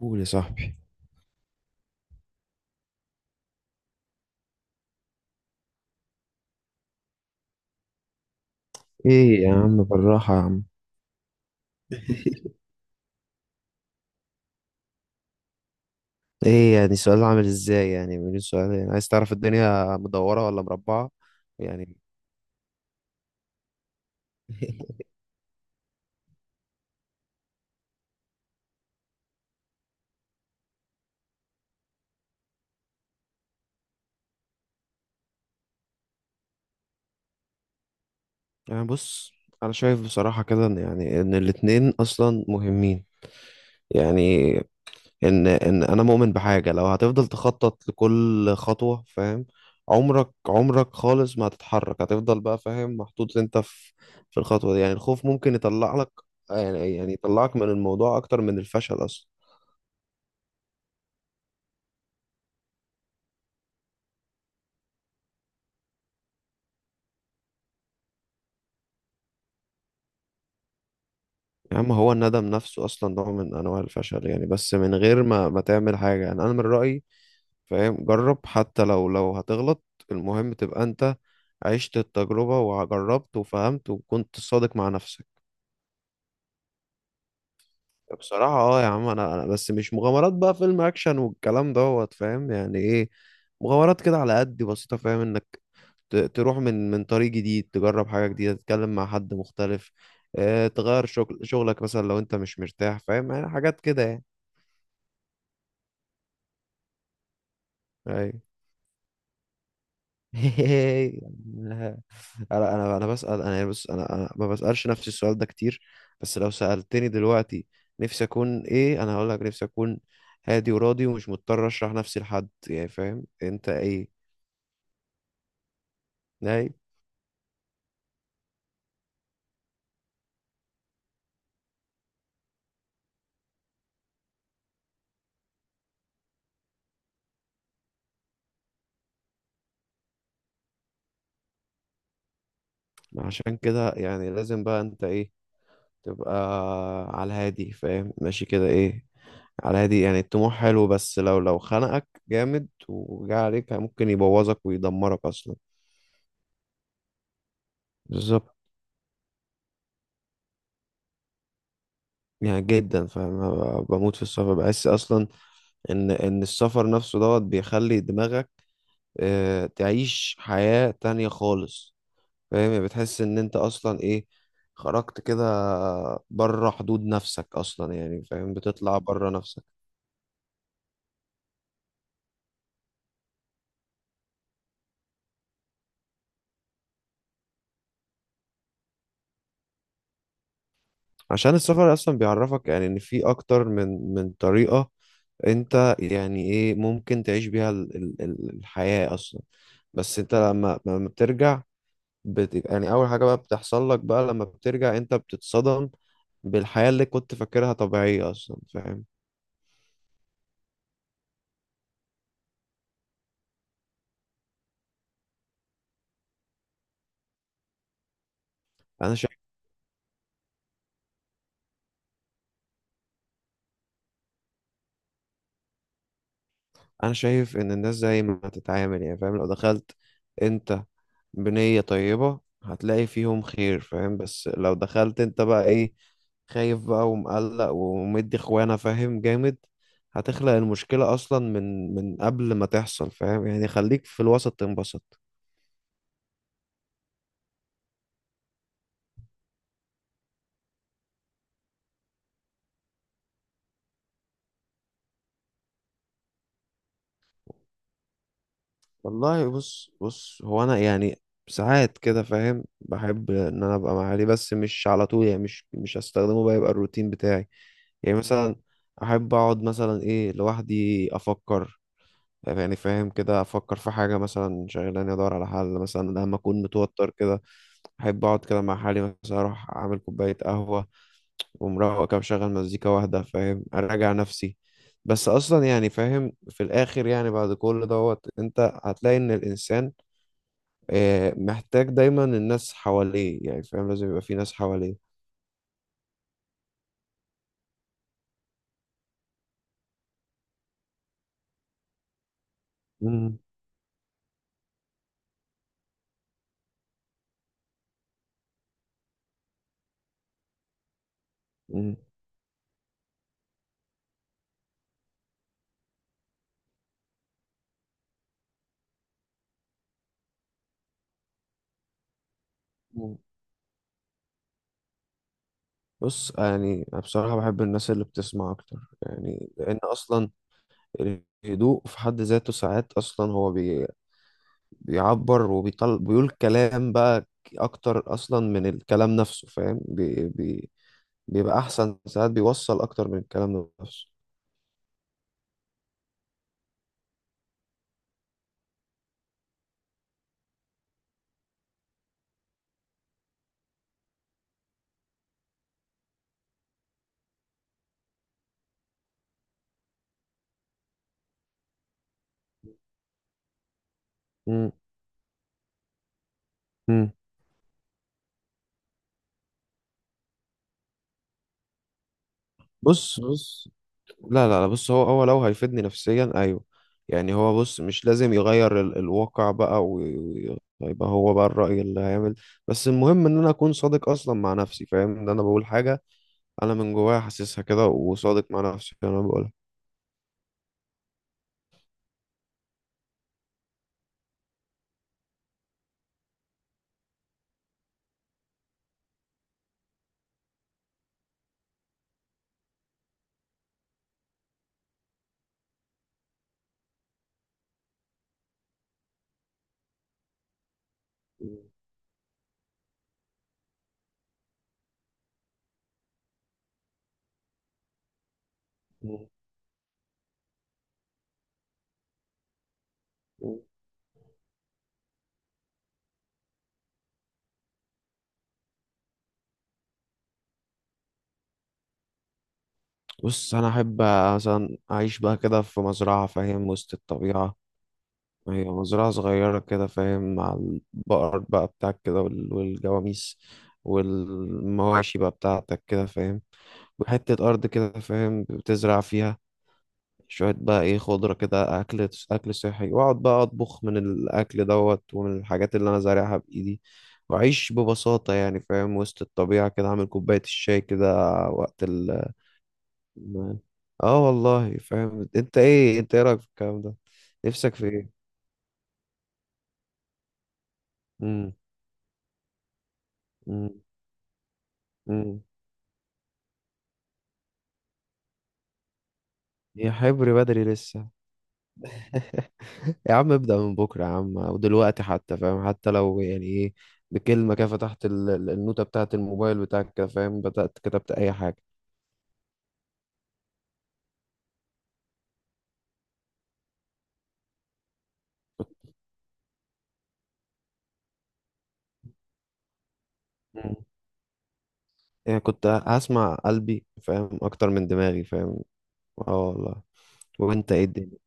قول يا صاحبي. ايه يا عم، بالراحة يا عم. ايه يعني؟ سؤال عامل ازاي؟ يعني من سؤال يعني عايز تعرف الدنيا مدورة ولا مربعة؟ يعني يعني بص، انا شايف بصراحة كده ان يعني ان الاتنين اصلا مهمين. يعني ان انا مؤمن بحاجة، لو هتفضل تخطط لكل خطوة، فاهم، عمرك خالص ما هتتحرك، هتفضل بقى فاهم، محطوط انت في في الخطوة دي. يعني الخوف ممكن يطلع لك، يعني يطلعك من الموضوع اكتر من الفشل اصلا. يا عم هو الندم نفسه اصلا نوع من انواع الفشل يعني، بس من غير ما تعمل حاجه. يعني انا من رايي فاهم، جرب حتى لو لو هتغلط. المهم تبقى انت عشت التجربه وجربت وفهمت وكنت صادق مع نفسك. بصراحه اه يا عم، انا بس مش مغامرات بقى فيلم اكشن والكلام دوت فاهم. يعني ايه مغامرات؟ كده على قد بسيطه، فاهم، انك تروح من من طريق جديد، تجرب حاجه جديده، تتكلم مع حد مختلف، آه، تغير شغلك مثلا لو انت مش مرتاح، فاهم، يعني حاجات كده يعني. أيوة. لا. انا بسأل، انا يعني بص، انا ما بسألش نفسي السؤال ده كتير، بس لو سألتني دلوقتي نفسي اكون ايه، انا هقول لك نفسي اكون هادي وراضي ومش مضطر اشرح نفسي لحد، يعني فاهم انت ايه. اي. عشان كده يعني لازم بقى انت ايه، تبقى على الهادي فاهم، ماشي كده ايه، على الهادي. يعني الطموح حلو، بس لو لو خنقك جامد وجا عليك ممكن يبوظك ويدمرك اصلا. بالظبط. يعني جدا فاهم، أنا بموت في السفر، بحس اصلا ان السفر نفسه دوت بيخلي دماغك آه، تعيش حياة تانية خالص، فاهم، يعني بتحس ان انت اصلا ايه، خرجت كده بره حدود نفسك اصلا، يعني فاهم بتطلع بره نفسك. عشان السفر اصلا بيعرفك يعني ان في اكتر من من طريقة انت يعني ايه ممكن تعيش بيها الحياة اصلا. بس انت لما بترجع، يعني اول حاجه بقى بتحصل لك بقى لما بترجع، انت بتتصدم بالحياه اللي كنت فاكرها طبيعيه اصلا، فاهم. انا شايف انا شايف ان الناس زي ما تتعامل، يعني فاهم، لو دخلت انت بنيه طيبه هتلاقي فيهم خير، فاهم، بس لو دخلت انت بقى ايه، خايف بقى ومقلق ومدي اخوانا فاهم جامد، هتخلق المشكلة أصلا من من قبل ما تحصل، فاهم، يعني خليك في الوسط تنبسط. والله بص بص، هو انا يعني ساعات كده فاهم بحب ان انا ابقى مع اهلي، بس مش على طول، يعني مش هستخدمه بقى يبقى الروتين بتاعي. يعني مثلا احب اقعد مثلا ايه لوحدي افكر، يعني فاهم كده افكر في حاجه مثلا شغلاني، ادور على حل مثلا لما اكون متوتر كده. احب اقعد كده مع حالي، مثلا اروح اعمل كوبايه قهوه ومروق كده مشغل مزيكا واحده، فاهم، اراجع نفسي. بس اصلا يعني فاهم في الاخر، يعني بعد كل دوت انت هتلاقي ان الانسان آه، محتاج دايما الناس حواليه، يعني فاهم لازم يبقى في ناس حواليه. مم. مم. مم. بص يعني أنا بصراحة بحب الناس اللي بتسمع أكتر، يعني لأن أصلا الهدوء في حد ذاته ساعات أصلا هو بيعبر وبيطل، بيقول كلام بقى أكتر أصلا من الكلام نفسه، فاهم بيبقى أحسن، ساعات بيوصل أكتر من الكلام نفسه. مم. مم. بص لا لا لا، بص هو هو لو هيفيدني نفسيا ايوه. يعني هو بص، مش لازم يغير ال الواقع بقى ويبقى هو بقى الرأي اللي هيعمل، بس المهم ان انا اكون صادق اصلا مع نفسي، فاهم ان انا بقول حاجة انا من جوايا حاسسها كده وصادق مع نفسي في اللي انا بقولها. مم. بص انا احب مثلا اعيش بقى كده في مزرعة، فاهم، وسط الطبيعة. هي مزرعة صغيرة كده فاهم، مع البقر بقى بتاعك كده والجواميس والمواشي بقى بتاعتك كده فاهم، وحتة أرض كده فاهم بتزرع فيها شوية بقى إيه خضرة كده، أكل أكل صحي، وأقعد بقى أطبخ من الأكل دوت ومن الحاجات اللي أنا زارعها بإيدي، وأعيش ببساطة يعني فاهم وسط الطبيعة كده، أعمل كوباية الشاي كده وقت ال. آه والله فاهم. أنت إيه؟ أنت إيه رأيك في الكلام ده؟ نفسك في إيه؟ مم. مم. مم. يا حبري بدري لسه. يا عم ابدأ من بكرة يا عم، ودلوقتي حتى، فاهم، حتى لو يعني ايه بكلمة كده، فتحت النوتة بتاعة الموبايل بتاعك كده فاهم، بدأت كتبت أي حاجة. مم. يعني كنت هسمع قلبي فاهم، أكتر من دماغي فاهم. اه والله. وانت ايه الدنيا؟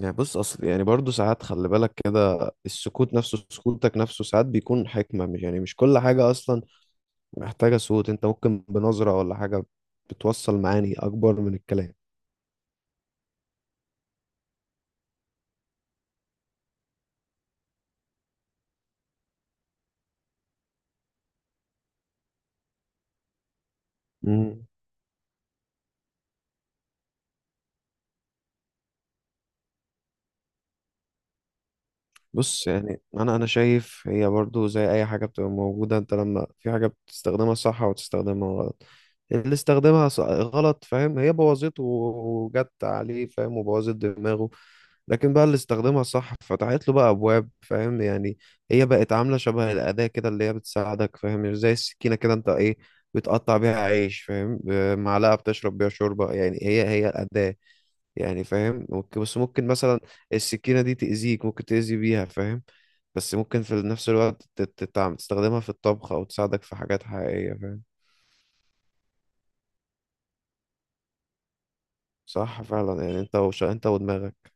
يعني بص اصل يعني برضو ساعات خلي بالك كده، السكوت نفسه سكوتك نفسه ساعات بيكون حكمة. مش يعني مش كل حاجة اصلا محتاجة صوت، انت ممكن بنظرة ولا حاجة بتوصل معاني اكبر من الكلام. بص يعني انا شايف هي برضو زي اي حاجه بتبقى موجوده، انت لما في حاجه بتستخدمها صح وتستخدمها غلط، اللي استخدمها غلط فاهم هي بوظته وجت عليه فاهم وبوظت دماغه، لكن بقى اللي استخدمها صح فتحت له بقى ابواب فاهم. يعني هي بقت عامله شبه الاداه كده اللي هي بتساعدك، فاهم، زي السكينه كده، انت ايه بتقطع بيها عيش فاهم معلقه بتشرب بيها شوربه، يعني هي هي الاداه، يعني فاهم ممكن، بس ممكن مثلا السكينة دي تأذيك، ممكن تأذي بيها فاهم، بس ممكن في نفس الوقت تستخدمها في الطبخ أو تساعدك في حاجات حقيقية فاهم. صح فعلا، يعني انت انت ودماغك.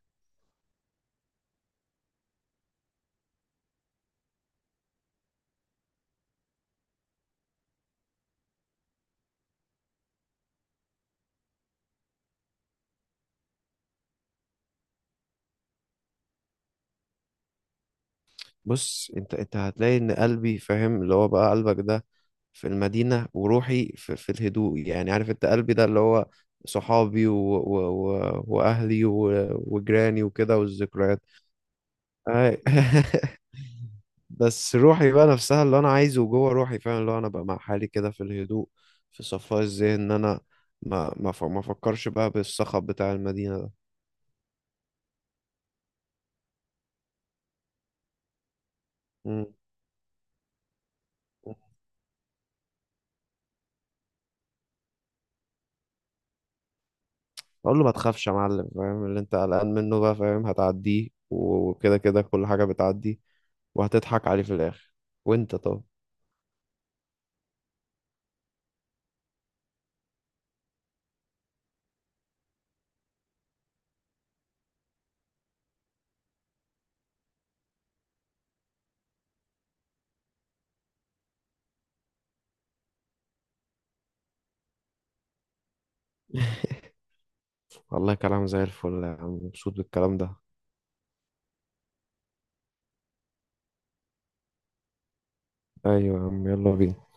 بص انت انت هتلاقي ان قلبي فاهم اللي هو بقى قلبك ده، في المدينة وروحي في، في الهدوء، يعني عارف انت قلبي ده اللي هو صحابي واهلي وجيراني وكده والذكريات. أي. بس روحي بقى نفسها اللي انا عايزه جوه روحي فعلا، اللي هو انا بقى مع حالي كده في الهدوء، في صفاء الذهن ان انا ما افكرش بقى بالصخب بتاع المدينه ده. مم. اقول له ما تخافش يا معلم فاهم، اللي انت قلقان منه بقى فاهم هتعديه، وكده كده كل حاجه بتعدي، وهتضحك عليه في الاخر. وانت؟ طب والله كلام زي الفل يا عم، مبسوط بالكلام ده. ايوه يا عم يلا بينا.